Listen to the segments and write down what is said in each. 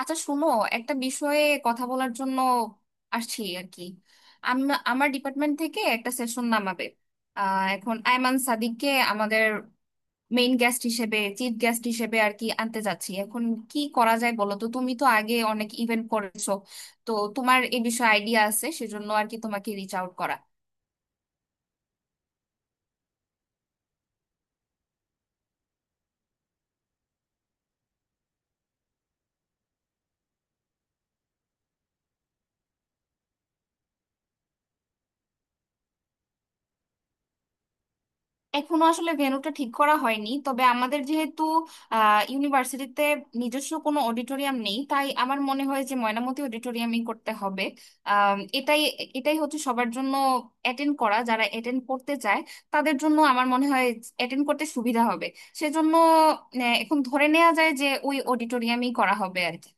আচ্ছা শোনো, একটা বিষয়ে কথা বলার জন্য আসছি আর কি। আমার ডিপার্টমেন্ট থেকে একটা সেশন নামাবে। এখন আয়মান সাদিককে আমাদের মেইন গেস্ট হিসেবে, চিফ গেস্ট হিসেবে আর কি আনতে যাচ্ছি। এখন কি করা যায় বলো তো, তুমি তো আগে অনেক ইভেন্ট করেছো, তো তোমার এই বিষয়ে আইডিয়া আছে, সেজন্য আর কি তোমাকে রিচ আউট করা। এখনো আসলে ভেন্যুটা ঠিক করা হয়নি, তবে আমাদের যেহেতু ইউনিভার্সিটিতে নিজস্ব কোনো অডিটোরিয়াম নেই, তাই আমার মনে হয় যে ময়নামতি অডিটোরিয়ামই করতে হবে। আম, এটাই এটাই হচ্ছে সবার জন্য অ্যাটেন্ড করা, যারা অ্যাটেন্ড করতে চায় তাদের জন্য আমার মনে হয় অ্যাটেন্ড করতে সুবিধা হবে। সেজন্য এখন ধরে নেওয়া যায় যে ওই অডিটোরিয়ামই করা হবে আর কি।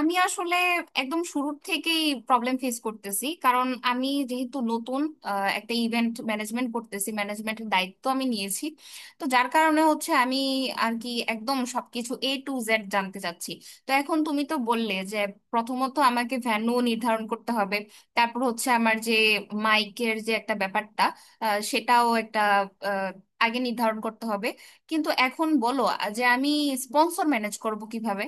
আমি আসলে একদম শুরুর থেকেই প্রবলেম ফেস করতেছি, কারণ আমি যেহেতু নতুন একটা ইভেন্ট ম্যানেজমেন্ট করতেছি, ম্যানেজমেন্টের দায়িত্ব আমি নিয়েছি। তো যার কারণে হচ্ছে আমি আর কি একদম সবকিছু এ টু জেড জানতে চাচ্ছি। তো এখন তুমি তো বললে যে প্রথমত আমাকে ভেন্যু নির্ধারণ করতে হবে, তারপর হচ্ছে আমার যে মাইকের যে একটা ব্যাপারটা, সেটাও একটা আহ, আগে নির্ধারণ করতে হবে। কিন্তু এখন বলো যে আমি স্পন্সর ম্যানেজ করব কিভাবে?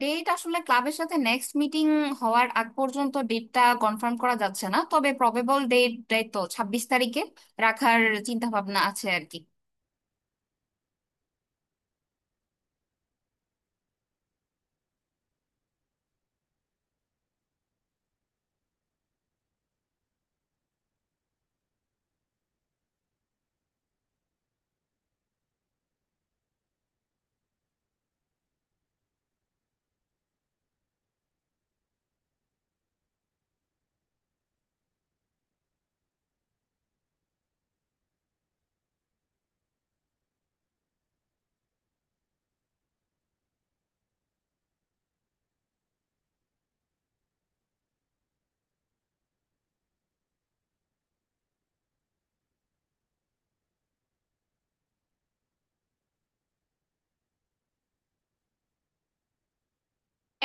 ডেট আসলে ক্লাবের সাথে নেক্সট মিটিং হওয়ার আগ পর্যন্ত ডেটটা কনফার্ম করা যাচ্ছে না, তবে প্রবেবল ডেট ডেট তো 26 তারিখে রাখার চিন্তা ভাবনা আছে আর কি।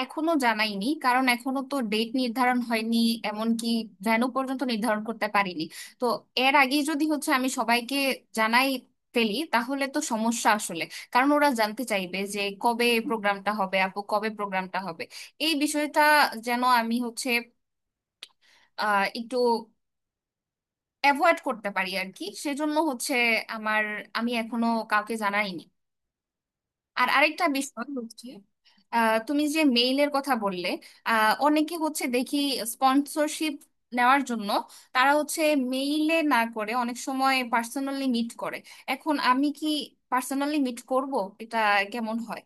এখনো জানাইনি, কারণ এখনো তো ডেট নির্ধারণ হয়নি, এমনকি ভেন্যু পর্যন্ত নির্ধারণ করতে পারিনি। তো এর আগে যদি হচ্ছে আমি সবাইকে জানাই ফেলি, তাহলে তো সমস্যা আসলে। কারণ ওরা জানতে চাইবে যে কবে প্রোগ্রামটা হবে আপু, কবে প্রোগ্রামটা হবে। এই বিষয়টা যেন আমি হচ্ছে আহ একটু অ্যাভয়েড করতে পারি আর কি, সেজন্য হচ্ছে আমার, আমি এখনো কাউকে জানাইনি। আর আরেকটা বিষয় হচ্ছে, তুমি যে মেইলের কথা বললে, অনেকে হচ্ছে দেখি স্পন্সরশিপ নেওয়ার জন্য তারা হচ্ছে মেইলে না করে অনেক সময় পার্সোনালি মিট করে। এখন আমি কি পার্সোনালি মিট করব? এটা কেমন হয়?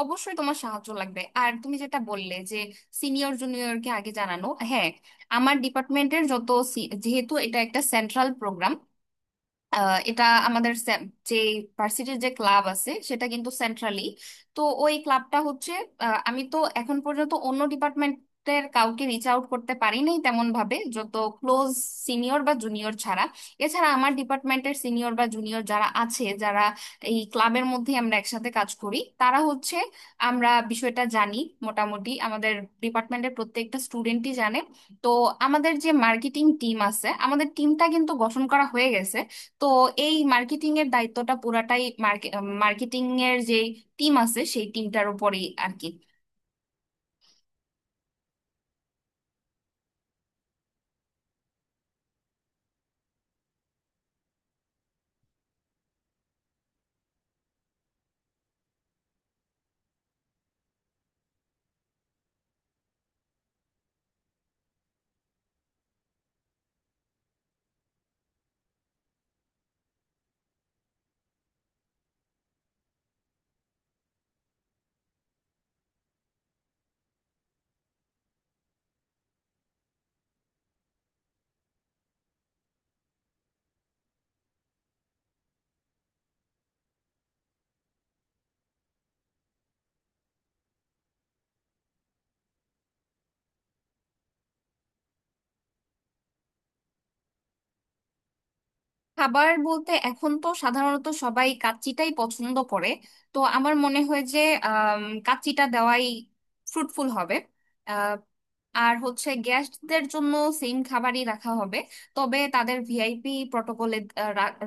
অবশ্যই তোমার সাহায্য লাগবে। আর তুমি যেটা বললে যে সিনিয়র জুনিয়রকে আগে জানানো, হ্যাঁ, আমার ডিপার্টমেন্টের যত যেহেতু এটা একটা সেন্ট্রাল প্রোগ্রাম, এটা আমাদের যে ভার্সিটির যে ক্লাব আছে সেটা কিন্তু সেন্ট্রালি। তো ওই ক্লাবটা হচ্ছে, আমি তো এখন পর্যন্ত অন্য ডিপার্টমেন্টের কাউকে রিচ আউট করতে পারি নাই তেমন ভাবে, যত ক্লোজ সিনিয়র বা জুনিয়র ছাড়া। এছাড়া আমার ডিপার্টমেন্টের সিনিয়র বা জুনিয়র যারা আছে, যারা এই ক্লাবের মধ্যে আমরা একসাথে কাজ করি, তারা হচ্ছে আমরা বিষয়টা জানি। মোটামুটি আমাদের ডিপার্টমেন্টের প্রত্যেকটা স্টুডেন্টই জানে। তো আমাদের যে মার্কেটিং টিম আছে, আমাদের টিমটা কিন্তু গঠন করা হয়ে গেছে। তো এই মার্কেটিং এর দায়িত্বটা পুরাটাই মার্কেটিং এর যে টিম আছে সেই টিমটার উপরেই আর কি। খাবার বলতে এখন তো সাধারণত সবাই কাচ্চিটাই পছন্দ করে, তো আমার মনে হয় যে কাচ্চিটা দেওয়াই ফ্রুটফুল হবে। আর হচ্ছে গেস্টদের জন্য সেম খাবারই রাখা হবে, তবে তাদের ভিআইপি প্রটোকলে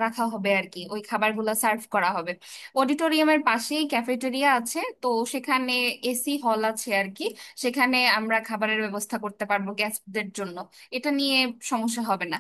রাখা হবে আর কি, ওই খাবারগুলো সার্ভ করা হবে। অডিটোরিয়ামের পাশেই ক্যাফেটেরিয়া আছে, তো সেখানে এসি হল আছে আর কি, সেখানে আমরা খাবারের ব্যবস্থা করতে পারবো গেস্টদের জন্য। এটা নিয়ে সমস্যা হবে না।